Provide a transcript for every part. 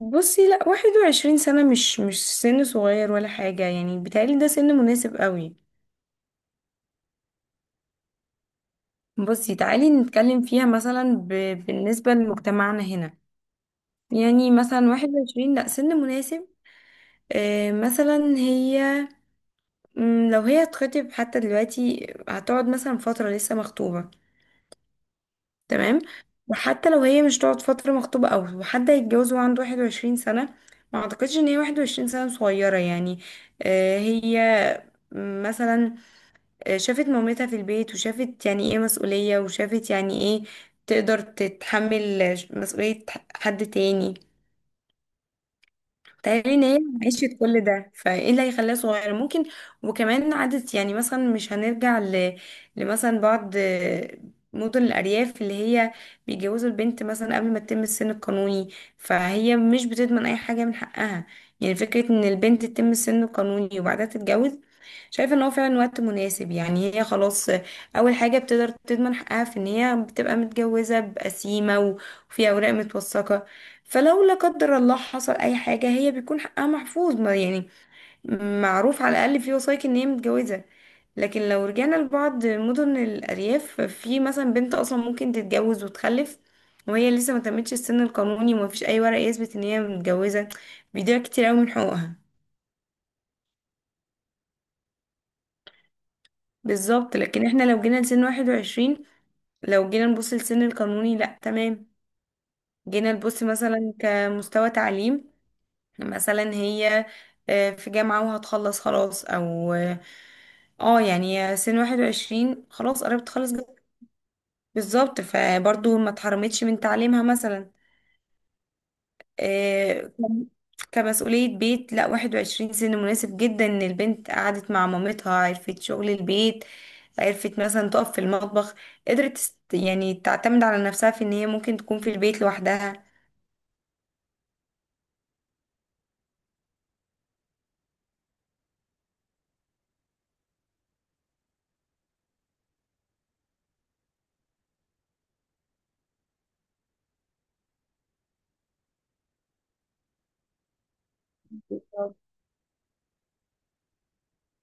بصي، لا، 21 سنة مش سن صغير ولا حاجة. يعني بيتهيألي ده سن مناسب قوي. بصي، تعالي نتكلم فيها مثلا بالنسبة لمجتمعنا هنا. يعني مثلا واحد وعشرين، لا، سن مناسب. مثلا هي، لو هي هتخطب حتى دلوقتي هتقعد مثلا فترة لسه مخطوبة. تمام. وحتى لو هي مش تقعد فترة مخطوبة أو حد هيتجوز وعنده 21 سنة، ما أعتقدش إن هي 21 سنة صغيرة. يعني هي مثلا شافت مامتها في البيت، وشافت يعني ايه مسؤولية، وشافت يعني ايه، تقدر تتحمل مسؤولية حد تاني. تخيلي ان هي عشت كل ده، فايه اللي هيخليها صغيرة؟ ممكن. وكمان عدت، يعني مثلا مش هنرجع لمثلا بعض مدن الأرياف اللي هي بيجوزوا البنت مثلا قبل ما تتم السن القانوني، فهي مش بتضمن أي حاجة من حقها. يعني فكرة إن البنت تتم السن القانوني وبعدها تتجوز، شايفه ان هو فعلا وقت مناسب. يعني هي خلاص، اول حاجه بتقدر تضمن حقها في ان هي بتبقى متجوزه بقسيمه وفي اوراق متوثقه. فلو لا قدر الله حصل اي حاجه، هي بيكون حقها محفوظ، ما يعني معروف على الاقل في وثائق ان هي متجوزه. لكن لو رجعنا لبعض مدن الارياف، في مثلا بنت اصلا ممكن تتجوز وتخلف وهي لسه ما تمتش السن القانوني، ومفيش اي ورق يثبت ان هي متجوزه، بيضيع كتير قوي من حقوقها. بالظبط، لكن احنا لو جينا لسن 21، لو جينا نبص للسن القانوني، لا، تمام. جينا نبص مثلا كمستوى تعليم. مثلا هي في جامعة وهتخلص خلاص، او اه آه، يعني سن 21 خلاص قربت تخلص بالظبط. فبرضه ما اتحرمتش من تعليمها. مثلا آه، كم- كمسؤولية بيت، لا 21 سن مناسب جدا. ان البنت قعدت مع مامتها، عرفت شغل البيت، عرفت مثلا تقف في المطبخ، يعني تعتمد على نفسها في ان هي ممكن تكون في البيت لوحدها.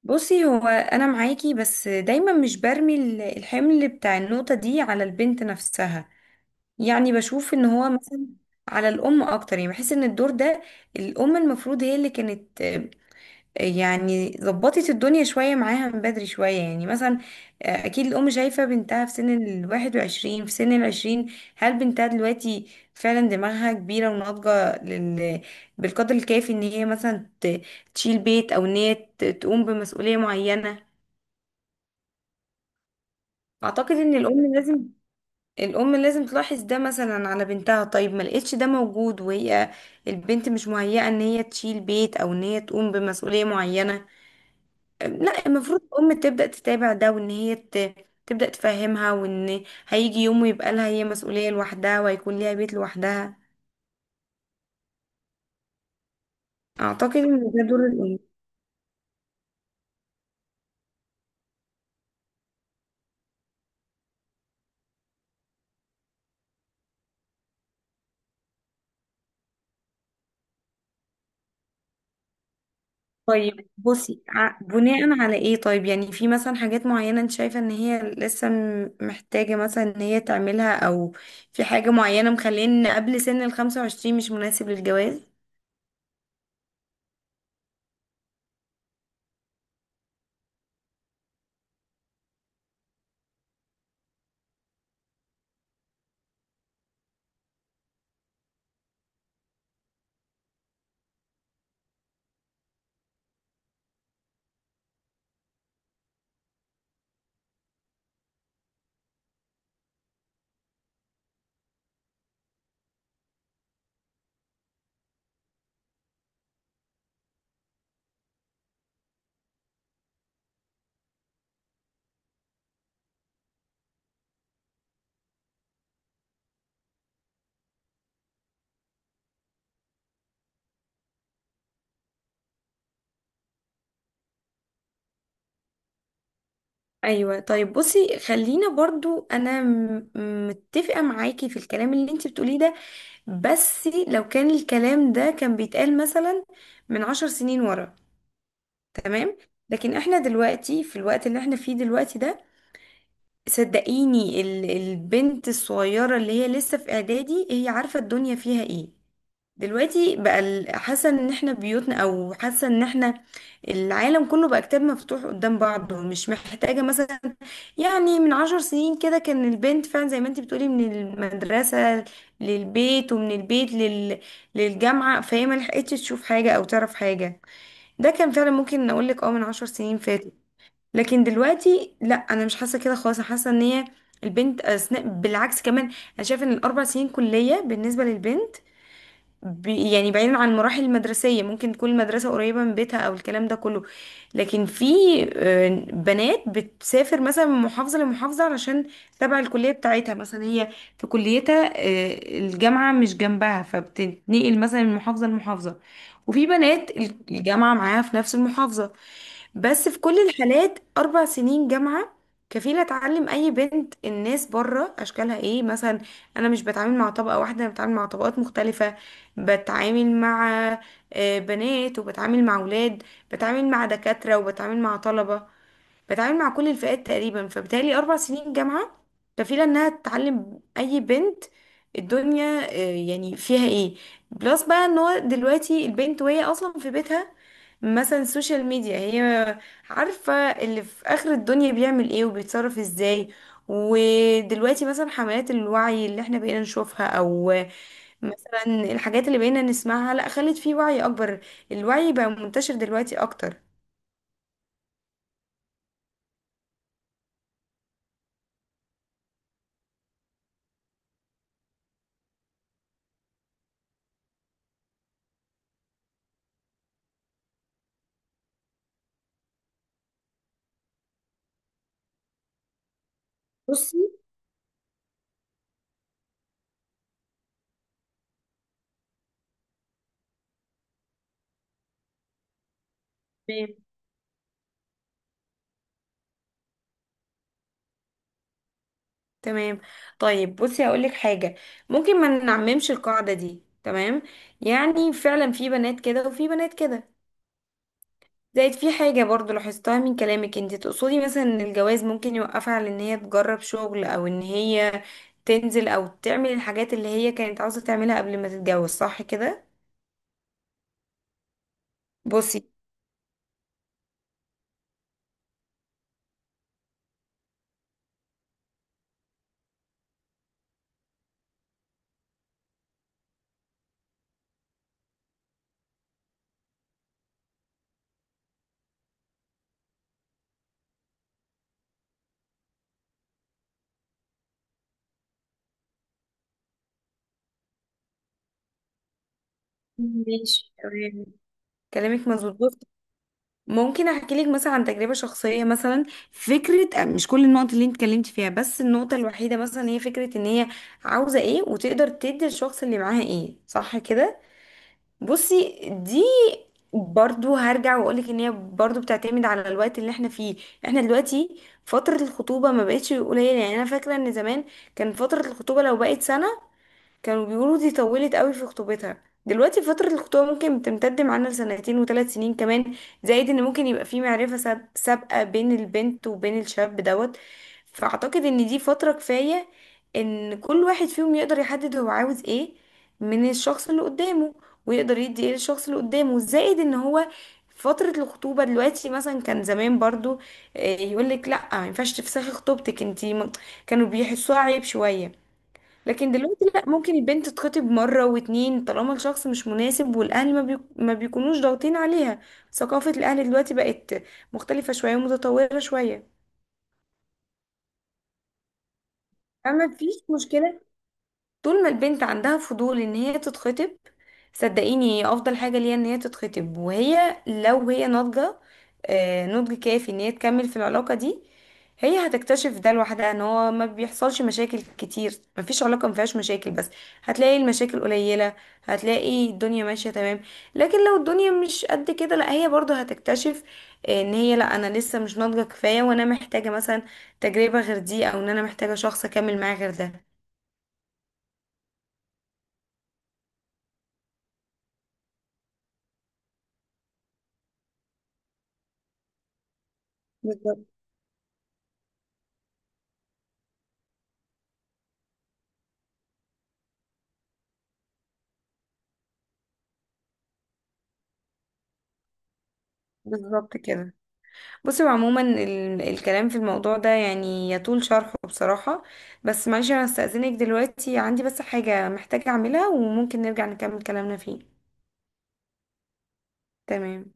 بصي، هو انا معاكي، بس دايما مش برمي الحمل بتاع النقطة دي على البنت نفسها. يعني بشوف ان هو مثلا على الام اكتر. يعني بحس ان الدور ده، الام المفروض هي اللي كانت يعني ظبطت الدنيا شوية معاها من بدري شوية. يعني مثلا اكيد الام شايفة بنتها في سن الـ21، في سن الـ20. هل بنتها دلوقتي فعلا دماغها كبيرة وناضجة بالقدر الكافي ان هي مثلا تشيل بيت، او ان هي تقوم بمسؤولية معينة؟ اعتقد ان الام لازم، الام لازم تلاحظ ده مثلا على بنتها. طيب ما لقيتش ده موجود، وهي البنت مش مهيئه ان هي تشيل بيت او ان هي تقوم بمسؤوليه معينه، لا المفروض الام تبدا تتابع ده، وان هي تبدا تفهمها، وان هيجي يوم ويبقى لها هي مسؤوليه لوحدها، وهيكون ليها بيت لوحدها. اعتقد ان ده دور الام. طيب بصي، بناء على ايه؟ طيب يعني في مثلا حاجات معينة انت شايفة ان هي لسه محتاجة مثلا ان هي تعملها؟ او في حاجة معينة مخليه ان قبل سن الـ25 مش مناسب للجواز؟ ايوه طيب بصي، خلينا برضو. انا متفقة معاكي في الكلام اللي انت بتقوليه ده، بس لو كان الكلام ده كان بيتقال مثلا من 10 سنين ورا، تمام. لكن احنا دلوقتي في الوقت اللي احنا فيه دلوقتي ده، صدقيني البنت الصغيرة اللي هي لسه في اعدادي هي عارفة الدنيا فيها ايه. دلوقتي بقى حاسة ان احنا بيوتنا، او حاسة ان احنا، العالم كله بقى كتاب مفتوح قدام بعضه، مش محتاجة مثلا. يعني من 10 سنين كده كان البنت فعلا زي ما انت بتقولي من المدرسة للبيت، ومن البيت للجامعة، فهي ما لحقتش تشوف حاجة او تعرف حاجة. ده كان فعلا، ممكن اقولك، من 10 سنين فاتوا. لكن دلوقتي لا، انا مش حاسه كده خالص. أنا حاسه ان هي البنت أثناء بالعكس كمان، انا شايفه ان الـ4 سنين كليه بالنسبه للبنت، يعني بعيدا عن المراحل المدرسيه، ممكن تكون المدرسه قريبه من بيتها او الكلام ده كله. لكن في بنات بتسافر مثلا من محافظه لمحافظه علشان تبع الكليه بتاعتها. مثلا هي في كليتها الجامعه مش جنبها، فبتتنقل مثلا من محافظه لمحافظه. وفي بنات الجامعه معاها في نفس المحافظه. بس في كل الحالات 4 سنين جامعة كفيلة تعلم أي بنت الناس بره أشكالها إيه. مثلا أنا مش بتعامل مع طبقة واحدة، أنا بتعامل مع طبقات مختلفة. بتعامل مع بنات وبتعامل مع أولاد، بتعامل مع دكاترة وبتعامل مع طلبة، بتعامل مع كل الفئات تقريبا. فبالتالي 4 سنين جامعة كفيلة إنها تعلم أي بنت الدنيا يعني فيها إيه. بلس بقى إن هو دلوقتي البنت وهي أصلا في بيتها، مثلا السوشيال ميديا، هي عارفة اللي في آخر الدنيا بيعمل إيه وبيتصرف إزاي. ودلوقتي مثلا حملات الوعي اللي احنا بقينا نشوفها، او مثلا الحاجات اللي بقينا نسمعها، لا خلت فيه وعي اكبر. الوعي بقى منتشر دلوقتي اكتر. بصي، تمام. طيب بصي، هقولك حاجة. ممكن ما نعممش القاعدة دي، تمام. يعني فعلا في بنات كده وفي بنات كده. زائد في حاجة برضو لاحظتها من كلامك، انت تقصدي مثلا ان الجواز ممكن يوقفها على ان هي تجرب شغل، او ان هي تنزل او تعمل الحاجات اللي هي كانت عاوزة تعملها قبل ما تتجوز، صح كده؟ بصي، ماشي تمام، كلامك مظبوط. ممكن احكي لك مثلا عن تجربة شخصية. مثلا فكرة، مش كل النقط اللي انت اتكلمتي فيها، بس النقطة الوحيدة مثلا هي فكرة ان هي عاوزة ايه وتقدر تدي الشخص اللي معاها ايه، صح كده؟ بصي، دي برضو هرجع واقولك ان هي برضو بتعتمد على الوقت اللي احنا فيه. احنا دلوقتي فترة الخطوبة ما بقتش قليلة. يعني انا فاكرة ان زمان كان فترة الخطوبة لو بقت سنة كانوا بيقولوا دي طولت قوي في خطوبتها. دلوقتي فترة الخطوبة ممكن تمتد معانا لسنتين وثلاث سنين كمان. زائد ان ممكن يبقى في معرفة سابقة بين البنت وبين الشاب دوت. فاعتقد ان دي فترة كفاية ان كل واحد فيهم يقدر يحدد هو عاوز ايه من الشخص اللي قدامه، ويقدر يدي ايه للشخص اللي قدامه. زائد ان هو فترة الخطوبة دلوقتي، مثلا كان زمان برضو يقول لك لا ما ينفعش تفسخي خطوبتك انتي، كانوا بيحسوها عيب شوية. لكن دلوقتي لا، ممكن البنت تتخطب مرة واتنين طالما الشخص مش مناسب، والأهل ما بيكونوش ضاغطين عليها. ثقافة الأهل دلوقتي بقت مختلفة شوية ومتطورة شوية. فما فيش مشكلة. طول ما البنت عندها فضول ان هي تتخطب، صدقيني هي افضل حاجة ليها ان هي تتخطب. وهي لو هي ناضجة نضج كافي ان هي تكمل في العلاقة دي، هي هتكتشف ده لوحدها ان هو ما بيحصلش مشاكل كتير. مفيش علاقة ما فيهاش مشاكل، بس هتلاقي المشاكل قليلة، هتلاقي الدنيا ماشية تمام. لكن لو الدنيا مش قد كده، لا هي برضه هتكتشف ان هي، لا انا لسه مش ناضجة كفاية، وانا محتاجة مثلا تجربة غير دي، او ان انا محتاجة شخص اكمل معاه غير ده. بالظبط كده. بصي، هو عموما الكلام في الموضوع ده يعني يطول شرحه بصراحة. بس معلش، انا هستأذنك دلوقتي، عندي بس حاجة محتاجة اعملها وممكن نرجع نكمل كلامنا فيه. تمام.